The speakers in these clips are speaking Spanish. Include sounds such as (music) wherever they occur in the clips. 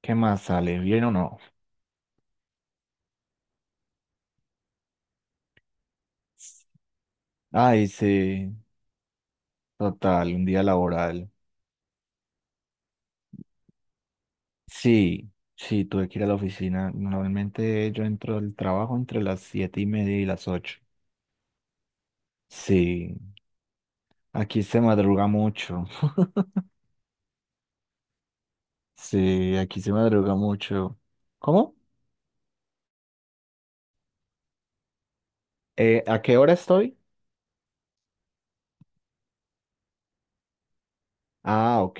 ¿Qué más sale? ¿Bien o no? Ay, sí, total, un día laboral. Sí, sí, tuve que ir a la oficina. Normalmente yo entro al trabajo entre las 7:30 y las 8. Sí, aquí se madruga mucho. (laughs) Sí, aquí se madruga mucho. ¿Cómo? ¿A qué hora estoy? Ah, ok.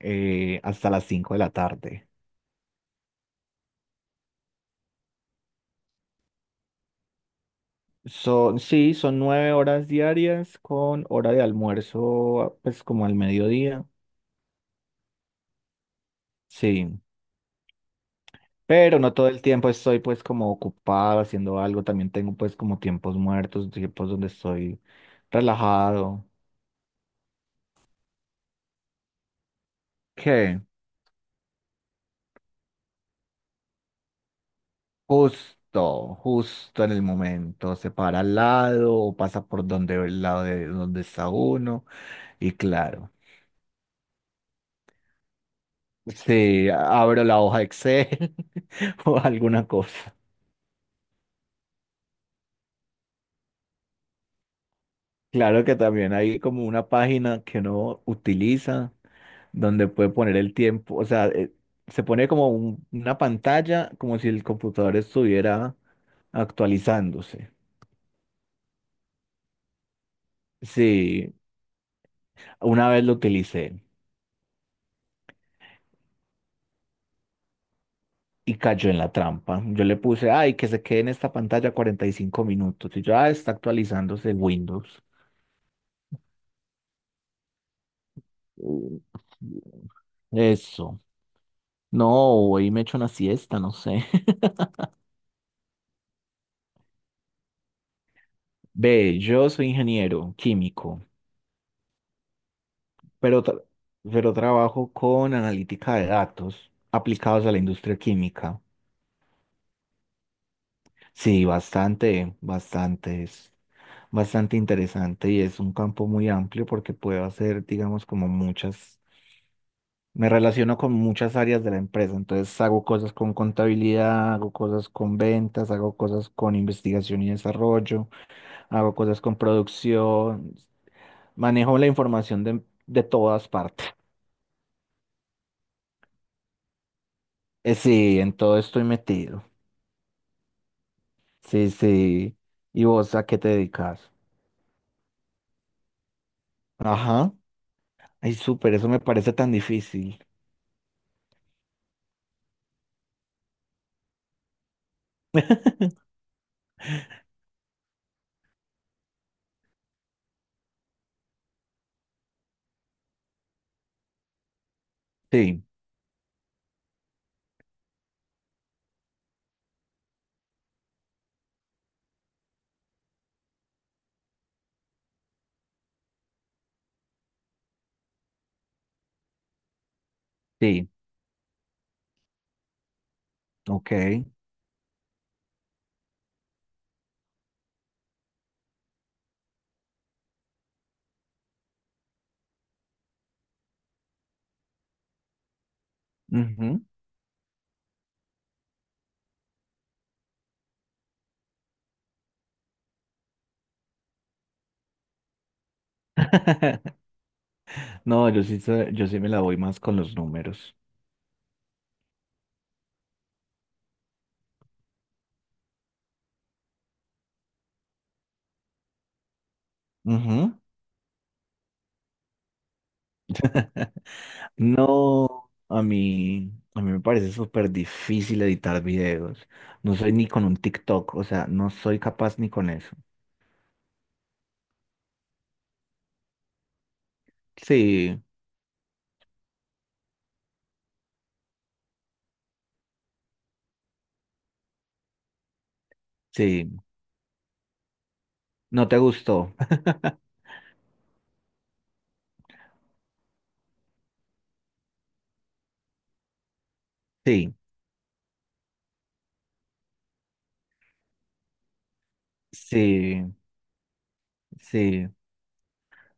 Hasta las 5 de la tarde. Son, sí, son 9 horas diarias con hora de almuerzo, pues como al mediodía. Sí. Pero no todo el tiempo estoy pues como ocupado haciendo algo, también tengo pues como tiempos muertos, tiempos donde estoy relajado. ¿Qué? Justo, justo en el momento, se para al lado o pasa por donde el lado de donde está uno y claro, sí, abro la hoja Excel (laughs) o alguna cosa. Claro que también hay como una página que uno utiliza donde puede poner el tiempo, o sea, se pone como una pantalla, como si el computador estuviera actualizándose. Sí, una vez lo utilicé y cayó en la trampa. Yo le puse, ay, que se quede en esta pantalla 45 minutos. Y yo, ah, está actualizándose Windows. Mm, eso. No, hoy me echo una siesta, no sé. (laughs) Ve, yo soy ingeniero químico. pero, tra- pero trabajo con analítica de datos aplicados a la industria química. Sí, bastante, bastante, es bastante interesante y es un campo muy amplio porque puedo hacer, digamos, como muchas, me relaciono con muchas áreas de la empresa, entonces hago cosas con contabilidad, hago cosas con ventas, hago cosas con investigación y desarrollo, hago cosas con producción, manejo la información de todas partes. Sí, en todo estoy metido. Sí, sí. ¿Y vos a qué te dedicas? Ajá. Ay, súper, eso me parece tan difícil. Sí, sí, ok. Ujú. (laughs) No, yo sí, yo sí me la voy más con los números. Ujú. No, a mí me parece súper difícil editar videos. No soy ni con un TikTok, o sea, no soy capaz ni con eso. Sí, sí. ¿No te gustó? (laughs) Sí, sí, sí.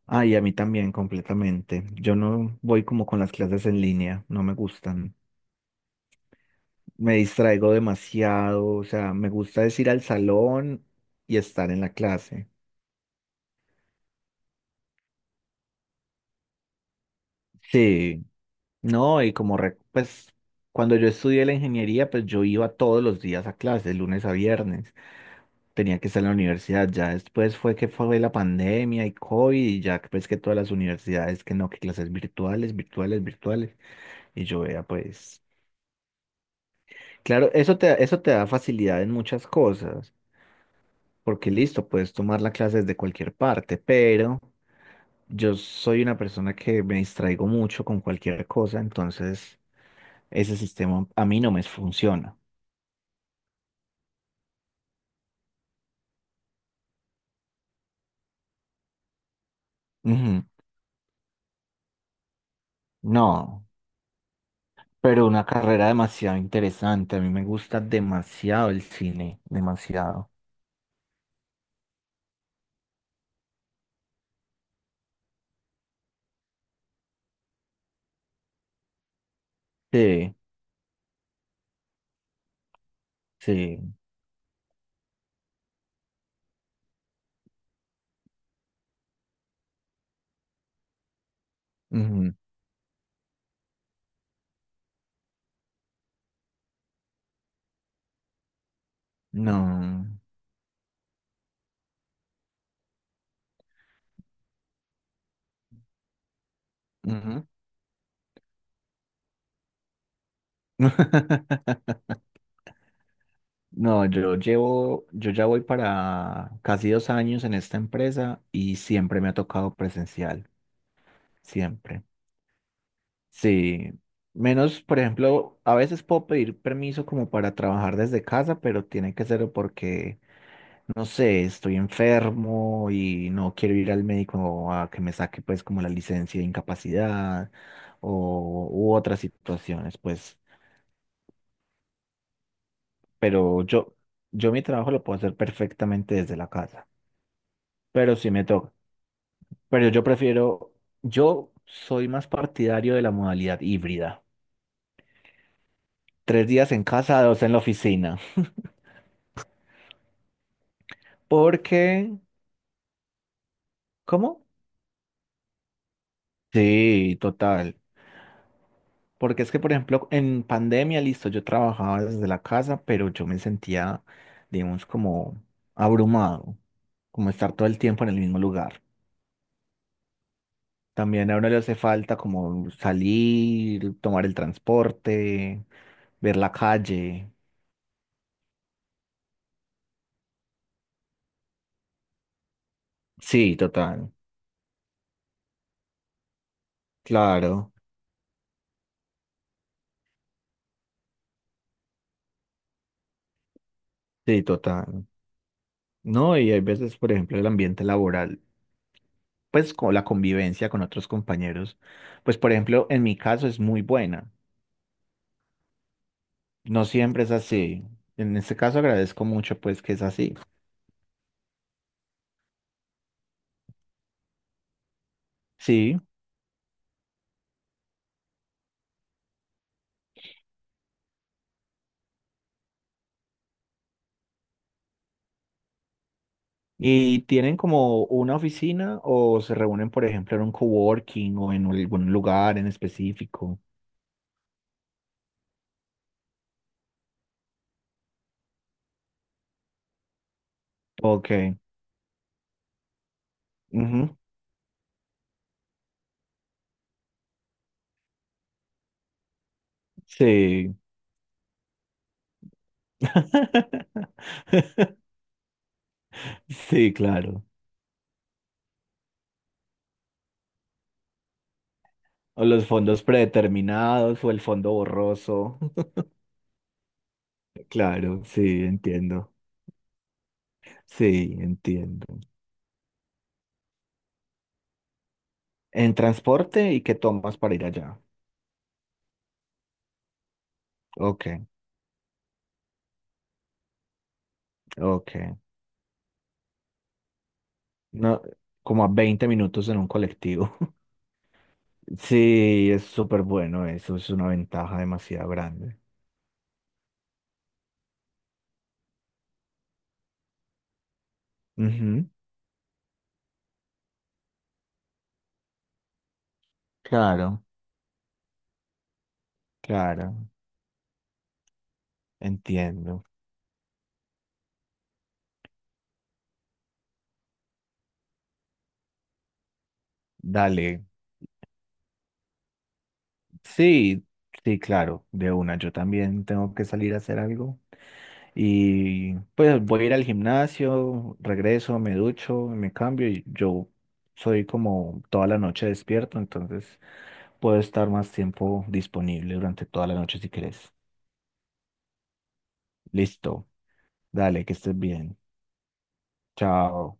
Ah, y a mí también, completamente. Yo no voy como con las clases en línea, no me gustan. Me distraigo demasiado, o sea, me gusta es ir al salón y estar en la clase. Sí, no, y como, pues, cuando yo estudié la ingeniería, pues yo iba todos los días a clases, lunes a viernes. Tenía que estar en la universidad, ya después fue que fue la pandemia y COVID, y ya pues que todas las universidades, que no, que clases virtuales, virtuales, virtuales. Y yo vea, pues. Claro, eso te da facilidad en muchas cosas, porque listo, puedes tomar la clase desde cualquier parte, pero yo soy una persona que me distraigo mucho con cualquier cosa, entonces ese sistema a mí no me funciona. Ujú. No, pero una carrera demasiado interesante, a mí me gusta demasiado el cine, demasiado. Sí, sí. Ujú. No. Ujú. (laughs) No, yo llevo, yo ya voy para casi 2 años en esta empresa y siempre me ha tocado presencial, siempre. Sí, menos, por ejemplo, a veces puedo pedir permiso como para trabajar desde casa, pero tiene que ser porque, no sé, estoy enfermo y no quiero ir al médico a que me saque pues como la licencia de incapacidad o u otras situaciones, pues, pero yo mi trabajo lo puedo hacer perfectamente desde la casa, pero sí me toca. Pero yo prefiero, yo soy más partidario de la modalidad híbrida. 3 días en casa, 2 en la oficina. Porque, ¿cómo? Sí, total. Porque es que, por ejemplo, en pandemia, listo, yo trabajaba desde la casa, pero yo me sentía, digamos, como abrumado, como estar todo el tiempo en el mismo lugar. También a uno le hace falta como salir, tomar el transporte, ver la calle. Sí, total. Claro, sí, total. No, y hay veces, por ejemplo, el ambiente laboral, pues con la convivencia con otros compañeros, pues por ejemplo, en mi caso es muy buena. No siempre es así. En este caso agradezco mucho, pues, que es así. Sí. ¿Y tienen como una oficina o se reúnen, por ejemplo, en un coworking o en algún lugar en específico? Ok. Ujú. Sí. (laughs) Sí, claro. O los fondos predeterminados o el fondo borroso. (laughs) Claro, sí, entiendo. Sí, entiendo. ¿En transporte y qué tomas para ir allá? Ok, ok. No, como a 20 minutos en un colectivo. (laughs) Sí, es súper bueno eso, es una ventaja demasiado grande. Ujú, claro, claro, entiendo. Dale, sí, sí, claro, de una. Yo también tengo que salir a hacer algo. Y pues voy a ir al gimnasio, regreso, me ducho, me cambio y yo soy como toda la noche despierto, entonces puedo estar más tiempo disponible durante toda la noche si querés. Listo, dale, que estés bien. Chao.